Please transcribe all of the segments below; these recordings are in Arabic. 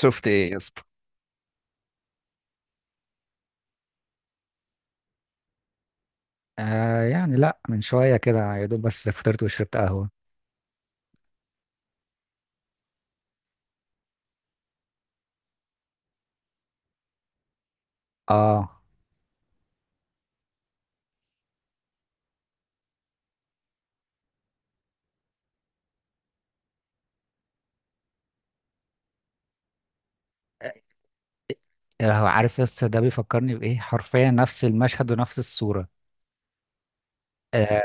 شفت ايه يا اسطى؟ آه يعني لا، من شوية كده يا دوب، بس فطرت وشربت قهوة. اه، آه، هو عارف يا اسطى ده بيفكرني بإيه؟ حرفيا نفس المشهد ونفس الصورة. آه.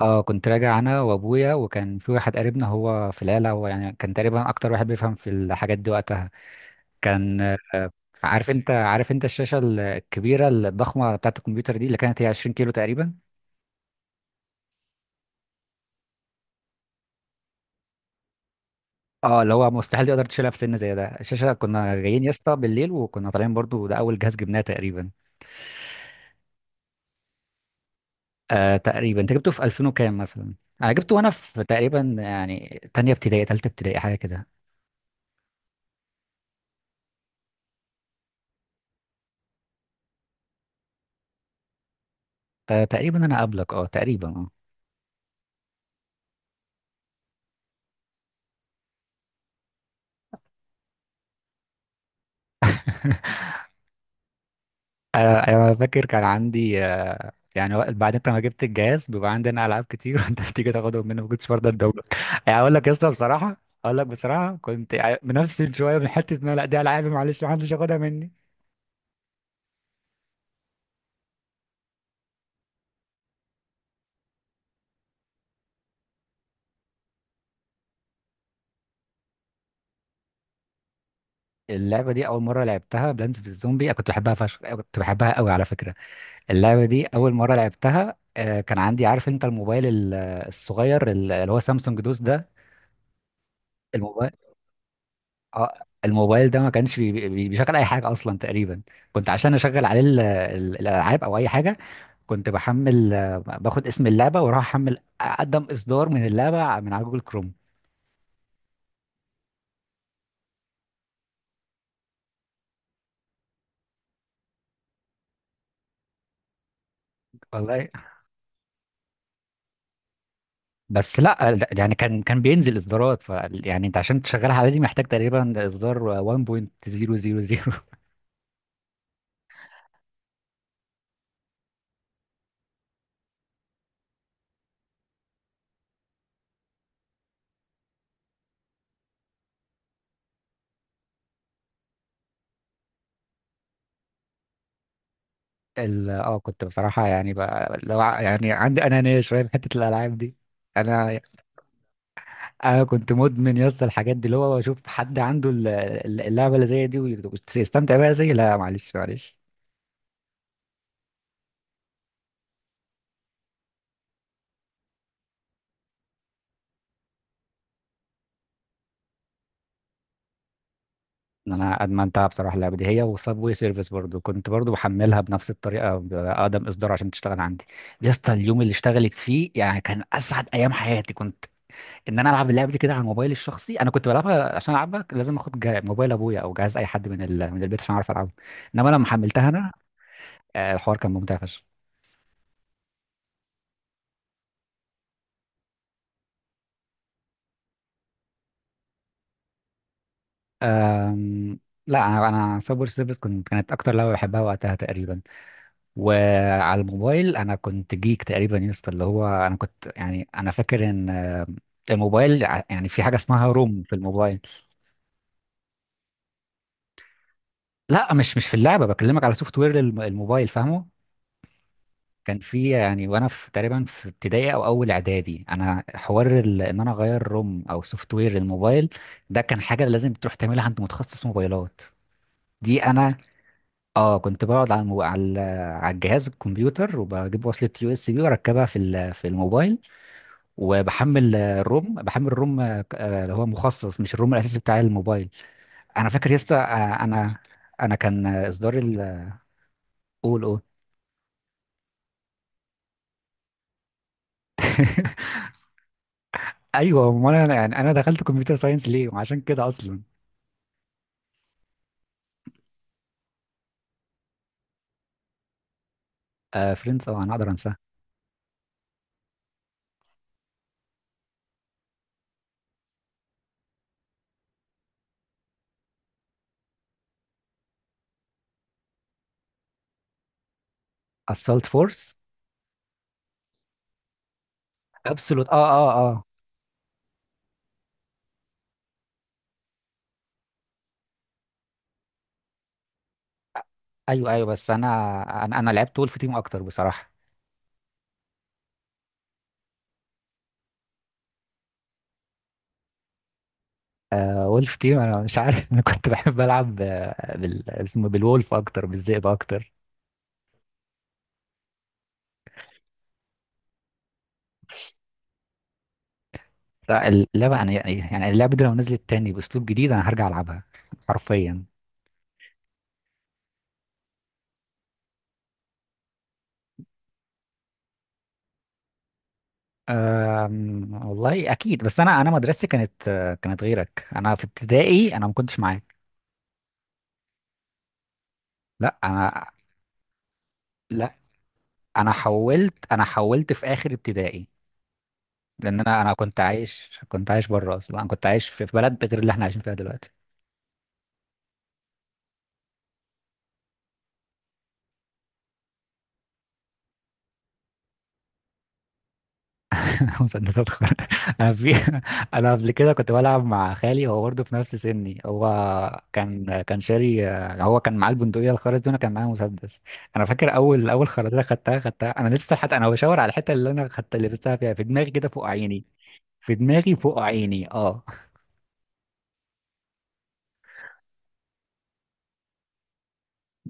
اه، كنت راجع انا وابويا، وكان في واحد قريبنا هو في العيلة، هو يعني كان تقريبا اكتر واحد بيفهم في الحاجات دي وقتها. كان عارف انت؟ عارف انت الشاشة الكبيرة الضخمة بتاعة الكمبيوتر دي اللي كانت هي 20 كيلو تقريبا؟ اه اللي هو مستحيل تقدر تشيلها في سن زي ده. الشاشه كنا جايين يا اسطى بالليل، وكنا طالعين برضو. ده اول جهاز جبناه تقريبا. آه تقريبا انت جبته في 2000 وكام مثلا؟ انا جبته وانا في تقريبا يعني تانية ابتدائي، تالتة ابتدائي، حاجه كده. آه تقريبا انا قبلك، اه تقريبا اه. أنا فاكر كان عندي يعني بعد انت ما جبت الجهاز بيبقى عندنا العاب كتير. وانت بتيجي تاخدهم مني، ما كنتش برضه ادولك. يعني اقول لك يا اسطى بصراحه، اقول لك بصراحه، كنت منفسد شويه من حته ان أنا لا، دي العابي، معلش، ما حدش ياخدها مني. اللعبه دي اول مره لعبتها، بلانس في الزومبي، انا كنت بحبها فشخ، أنا كنت بحبها قوي على فكره. اللعبه دي اول مره لعبتها كان عندي، عارف انت، الموبايل الصغير، اللي هو سامسونج دوس ده. الموبايل، اه، الموبايل ده ما كانش بيشغل اي حاجه اصلا تقريبا. كنت عشان اشغل عليه الالعاب او اي حاجه، كنت بحمل باخد اسم اللعبه واروح احمل اقدم اصدار من اللعبه من على جوجل كروم. والله، بس لا لا، يعني كان كان بينزل اصدارات، ف يعني انت عشان تشغلها على دي محتاج تقريبا اصدار 1.000. اه، كنت بصراحه يعني بقى يعني عندي انانيه شويه في حته الالعاب دي. انا انا كنت مدمن يا اسطى الحاجات دي، اللي هو اشوف حد عنده اللعبه اللي زي دي ويستمتع بيها زي، لا معلش معلش. انا ادمنتها بصراحه اللعبه دي، هي وصابوي سيرفيس برضو، كنت برضو بحملها بنفس الطريقه باقدم اصدار عشان تشتغل عندي. يا اسطى اليوم اللي اشتغلت فيه يعني كان اسعد ايام حياتي، كنت ان انا العب اللعبه دي كده على الموبايل الشخصي. انا كنت بلعبها عشان العبها لازم اخد موبايل ابويا او جهاز اي حد من ال... من البيت عشان اعرف العبها، انما لما حملتها انا الحوار كان ممتع فشخ. أم، لا انا سايبر سيرفيس كنت، كانت اكتر لعبه بحبها وقتها تقريبا. وعلى الموبايل انا كنت جيك تقريبا يا اسطى، اللي هو انا كنت يعني انا فاكر ان الموبايل يعني في حاجه اسمها روم في الموبايل. لا، مش في اللعبه، بكلمك على سوفت وير الموبايل، فاهمه؟ كان في يعني وانا في تقريبا في ابتدائي او اول اعدادي انا حوار ان انا اغير روم او سوفت وير الموبايل. ده كان حاجه لازم تروح تعملها عند متخصص موبايلات. دي انا، اه كنت بقعد على المو... على على الجهاز الكمبيوتر، وبجيب وصله يو اس بي واركبها في ال... في الموبايل، وبحمل الروم، بحمل الروم اللي هو مخصص مش الروم الاساسي بتاع الموبايل. انا فاكر يا اسطى انا، انا كان اصدار ال، قول قول. ايوه، ما انا يعني انا دخلت كمبيوتر ساينس ليه وعشان كده اصلا. آه فريندز، طبعا اقدر انساها. اسالت فورس، ابسولوت اه اه اه. ايوه ايوه، بس انا أنا لعبت وولف تيم اكتر بصراحه. آه وولف تيم، انا مش عارف انا كنت بحب العب بال، اسمه بالولف اكتر، بالذئب اكتر. لا، اللعبه انا يعني، يعني اللعبه دي لو نزلت تاني باسلوب جديد انا هرجع العبها حرفيا. أم، والله اكيد، بس انا مدرستي كانت كانت غيرك، انا في ابتدائي انا ما كنتش معاك. لا انا، لا انا حولت، انا حولت في اخر ابتدائي. لان انا كنت عايش، كنت عايش بره اصلا، انا كنت عايش في في بلد غير اللي احنا عايشين فيها دلوقتي. مسدسات خرا. انا في، انا قبل كده كنت بلعب مع خالي، هو برضه في نفس سني، هو كان كان شاري. هو كان معاه البندقيه الخرز دي وانا كان معايا مسدس. انا فاكر اول، اول خرزه خدتها انا لسه، حتى انا بشاور على الحته اللي انا خدت، اللي لبستها فيها في دماغي كده فوق عيني. في دماغي فوق عيني اه.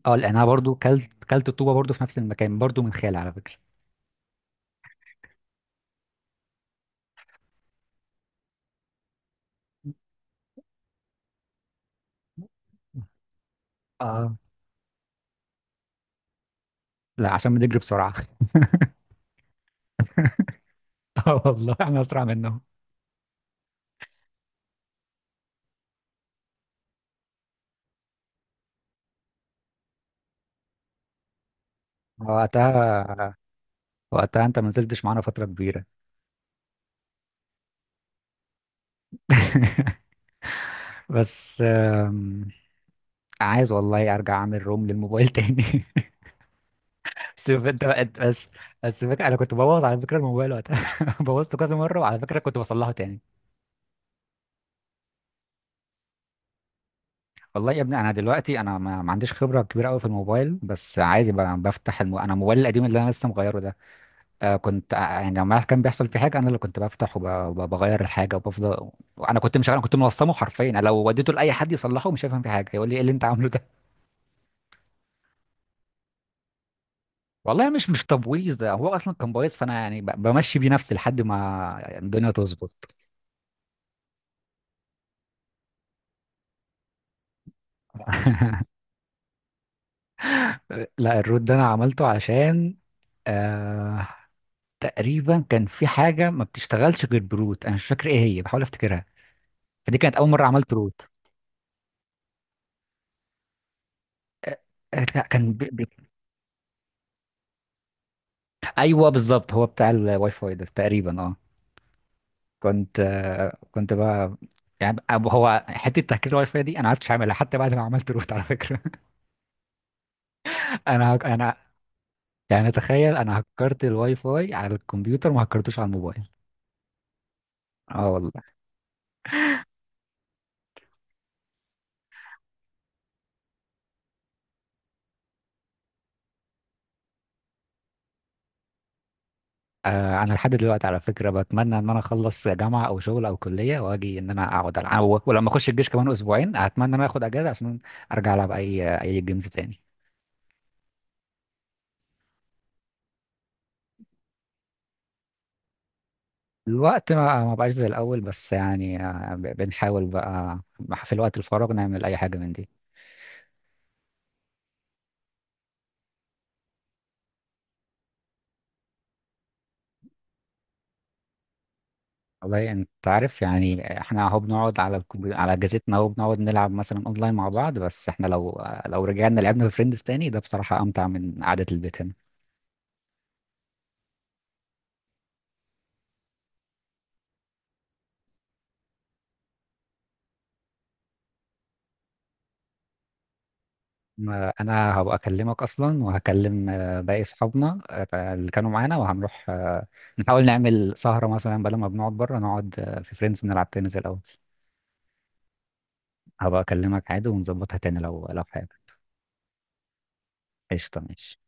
اه لان انا برضه كلت الطوبه برضه في نفس المكان برضه من خالي على فكره. اه، لا عشان بنجري بسرعه. اه والله احنا اسرع منهم. وقتها، وقتها انت ما نزلتش معانا فترة كبيرة. بس آم، عايز والله ارجع اعمل روم للموبايل تاني. سيب انت بقى، أنت بس، بس انا كنت ببوظ على فكرة الموبايل وقتها. بوظته كذا مرة، وعلى فكرة كنت بصلحه تاني. والله يا ابني انا دلوقتي انا ما عنديش خبرة كبيرة قوي في الموبايل، بس عادي، بفتح الم... انا موبايلي القديم اللي انا لسه مغيره ده، كنت يعني لما كان بيحصل في حاجه انا اللي كنت بفتح وبغير الحاجه وبفضل. وانا كنت مش، انا كنت منظمه حرفيا. أنا لو وديته لاي حد يصلحه مش هيفهم في حاجه، يقول لي ايه اللي انت عامله ده. والله مش تبويظ، ده هو اصلا كان بايظ، فانا يعني بمشي بيه نفسي لحد ما الدنيا تظبط. لا الروت ده انا عملته عشان آه تقريبا كان في حاجه ما بتشتغلش غير بروت، انا مش فاكر ايه هي، بحاول افتكرها. فدي كانت اول مره عملت روت. آه، آه، لا، كان بي... بي... ايوه بالظبط، هو بتاع الواي فاي ده تقريبا اه. كنت كنت بقى يعني، هو حته تهكير الواي فاي دي انا ما عرفتش اعملها حتى بعد ما عملت روت على فكره. انا يعني تخيل انا هكرت الواي فاي على الكمبيوتر ما هكرتوش على الموبايل. اه والله. آه انا لحد دلوقتي على فكره بتمنى ان انا اخلص جامعه او شغل او كليه واجي ان انا اقعد العب ولما اخش الجيش كمان اسبوعين اتمنى ان انا اخد اجازه عشان ارجع العب اي جيمز تاني. الوقت ما بقاش زي الاول، بس يعني بنحاول بقى في الوقت الفراغ نعمل اي حاجه من دي. والله يعني انت عارف، يعني احنا اهو بنقعد على على اجهزتنا اهو، بنقعد نلعب مثلا اونلاين مع بعض، بس احنا لو، لو رجعنا لعبنا في فريندز تاني ده بصراحة امتع من قعدة البيت هنا. انا هبقى اكلمك اصلا وهكلم باقي اصحابنا اللي كانوا معانا وهنروح نحاول نعمل سهرة مثلا، بدل ما بنقعد بره نقعد في فريندز نلعب تاني زي الاول. هبقى اكلمك عادي ونظبطها تاني لو، لو حابب. قشطة، ماشي.